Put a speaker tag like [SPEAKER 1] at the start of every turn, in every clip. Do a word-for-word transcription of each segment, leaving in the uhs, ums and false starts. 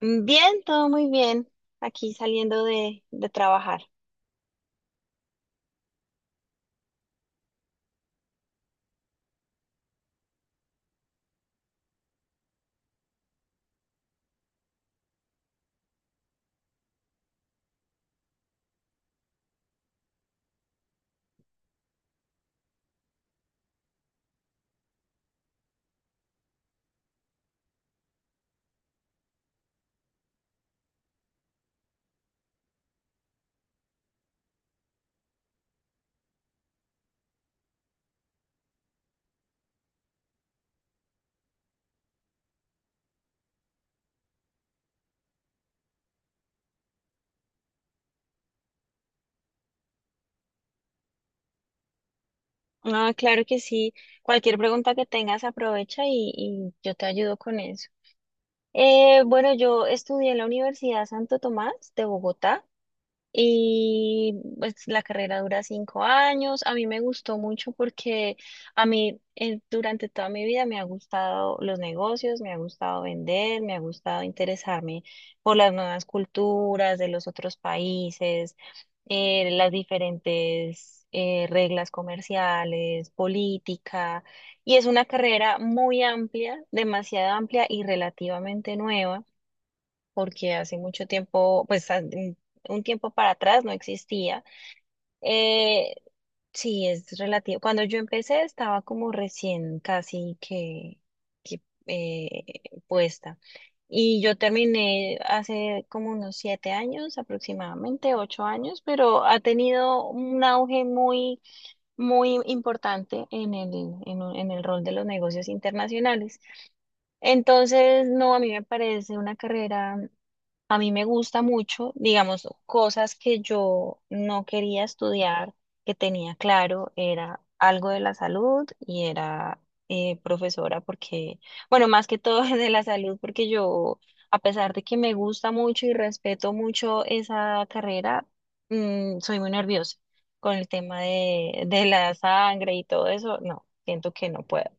[SPEAKER 1] Bien, todo muy bien. Aquí saliendo de, de trabajar. Ah, claro que sí. Cualquier pregunta que tengas, aprovecha y, y yo te ayudo con eso. Eh, bueno, yo estudié en la Universidad Santo Tomás de Bogotá. Y pues la carrera dura cinco años. A mí me gustó mucho porque a mí eh, durante toda mi vida me ha gustado los negocios, me ha gustado vender, me ha gustado interesarme por las nuevas culturas de los otros países, eh, las diferentes eh, reglas comerciales, política. Y es una carrera muy amplia, demasiado amplia y relativamente nueva porque hace mucho tiempo, pues a- un un tiempo para atrás no existía. Eh, sí, es relativo. Cuando yo empecé estaba como recién casi que, que, eh, puesta. Y yo terminé hace como unos siete años, aproximadamente ocho años, pero ha tenido un auge muy, muy importante en el, en en el rol de los negocios internacionales. Entonces, no, a mí me parece una carrera, a mí me gusta mucho, digamos, cosas que yo no quería estudiar, que tenía claro, era algo de la salud y era eh, profesora, porque, bueno, más que todo de la salud, porque yo, a pesar de que me gusta mucho y respeto mucho esa carrera, mm, soy muy nerviosa con el tema de, de la sangre y todo eso, no, siento que no puedo.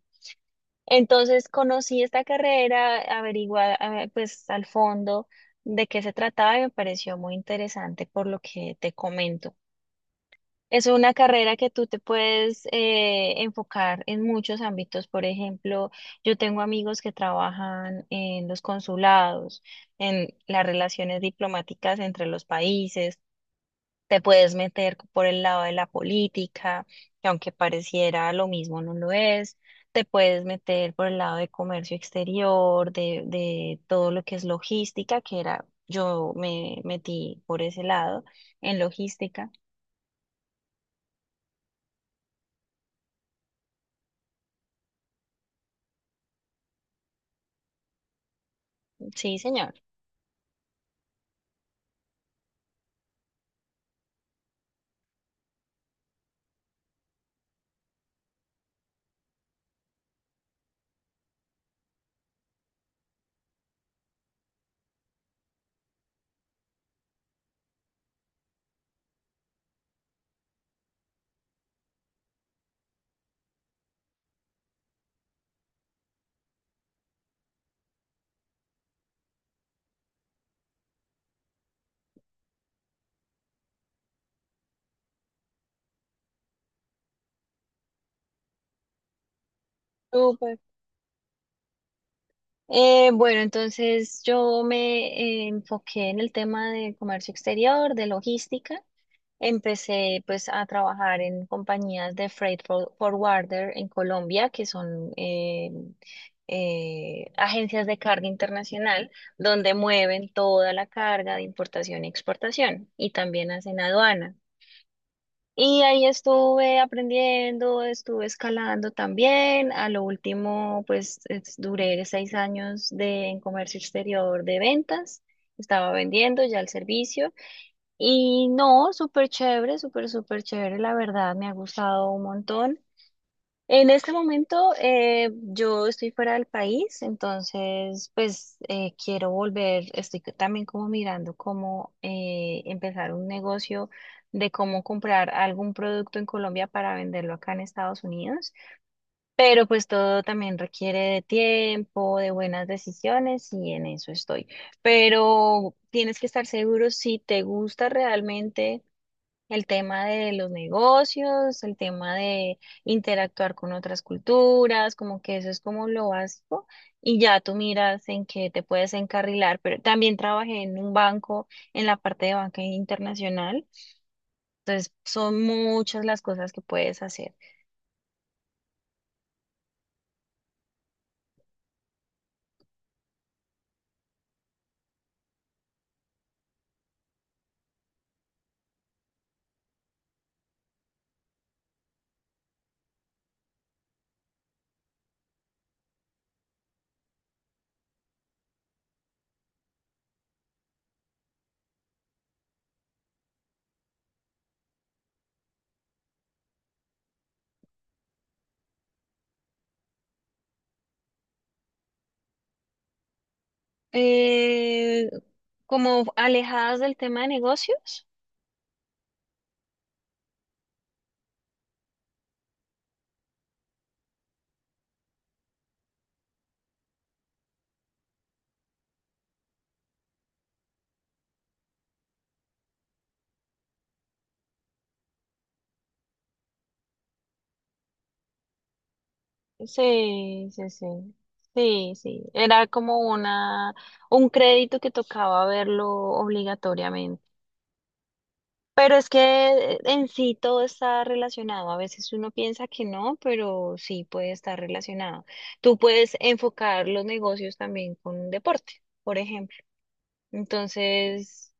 [SPEAKER 1] Entonces conocí esta carrera, averiguada, pues al fondo de qué se trataba y me pareció muy interesante por lo que te comento. Es una carrera que tú te puedes eh, enfocar en muchos ámbitos. Por ejemplo, yo tengo amigos que trabajan en los consulados, en las relaciones diplomáticas entre los países. Te puedes meter por el lado de la política, que aunque pareciera lo mismo, no lo es. Te puedes meter por el lado de comercio exterior, de, de todo lo que es logística, que era, yo me metí por ese lado en logística. Sí, señor. Súper. Eh, bueno, entonces yo me eh, enfoqué en el tema de comercio exterior, de logística. Empecé pues a trabajar en compañías de freight for- forwarder en Colombia, que son eh, eh, agencias de carga internacional, donde mueven toda la carga de importación y exportación y también hacen aduana. Y ahí estuve aprendiendo, estuve escalando también. A lo último, pues es- duré seis años de, en comercio exterior de ventas. Estaba vendiendo ya el servicio. Y no, súper chévere, súper, súper chévere, la verdad, me ha gustado un montón. En este momento eh, yo estoy fuera del país, entonces pues eh, quiero volver, estoy c- también como mirando cómo eh, empezar un negocio de cómo comprar algún producto en Colombia para venderlo acá en Estados Unidos, pero pues todo también requiere de tiempo, de buenas decisiones y en eso estoy. Pero tienes que estar seguro si te gusta realmente el tema de los negocios, el tema de interactuar con otras culturas, como que eso es como lo básico y ya tú miras en qué te puedes encarrilar, pero también trabajé en un banco, en la parte de banca internacional, entonces son muchas las cosas que puedes hacer. Eh, como alejadas del tema de negocios, sí, sí, sí. Sí, sí, era como una, un crédito que tocaba verlo obligatoriamente. Pero es que en sí todo está relacionado. A veces uno piensa que no, pero sí puede estar relacionado. Tú puedes enfocar los negocios también con un deporte, por ejemplo. Entonces,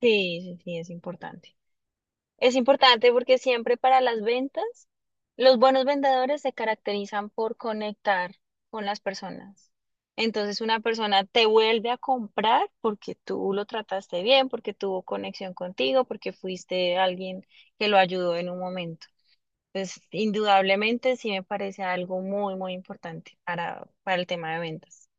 [SPEAKER 1] sí, sí, sí, es importante. Es importante porque siempre para las ventas, los buenos vendedores se caracterizan por conectar con las personas. Entonces una persona te vuelve a comprar porque tú lo trataste bien, porque tuvo conexión contigo, porque fuiste alguien que lo ayudó en un momento. Entonces, indudablemente sí me parece algo muy, muy importante para, para el tema de ventas.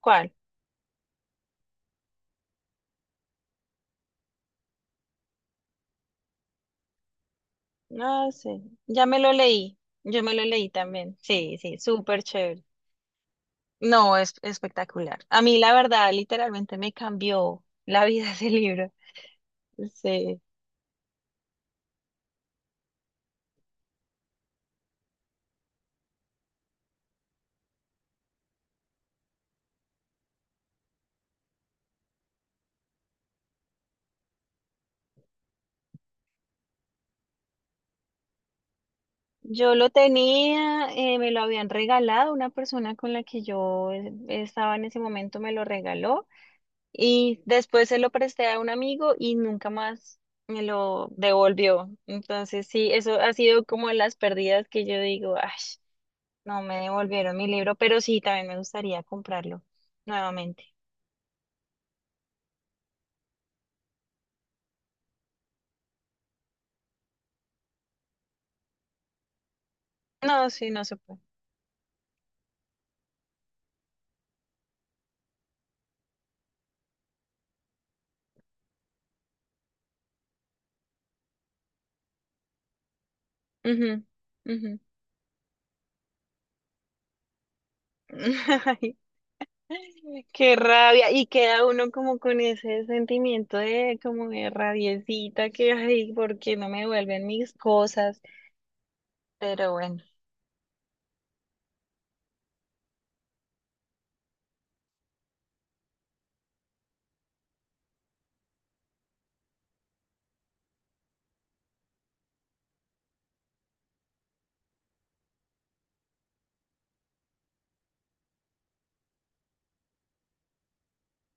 [SPEAKER 1] ¿Cuál? No sé, ya me lo leí, yo me lo leí también. Sí, sí, súper chévere. No, es espectacular. A mí, la verdad, literalmente me cambió la vida ese libro. Sí. Yo lo tenía, eh, me lo habían regalado, una persona con la que yo eh, estaba en ese momento me lo regaló y después se lo presté a un amigo y nunca más me lo devolvió. Entonces, sí, eso ha sido como de las pérdidas que yo digo, ay, no me devolvieron mi libro, pero sí, también me gustaría comprarlo nuevamente. No, sí, no se puede. Ujú, ujú. Ay, qué rabia. Y queda uno como con ese sentimiento de como de rabiecita que, ay, ¿por qué no me devuelven mis cosas? Pero bueno,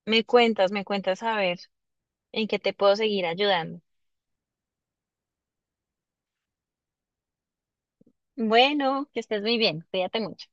[SPEAKER 1] me cuentas, me cuentas a ver en qué te puedo seguir ayudando. Bueno, que estés muy bien. Cuídate mucho.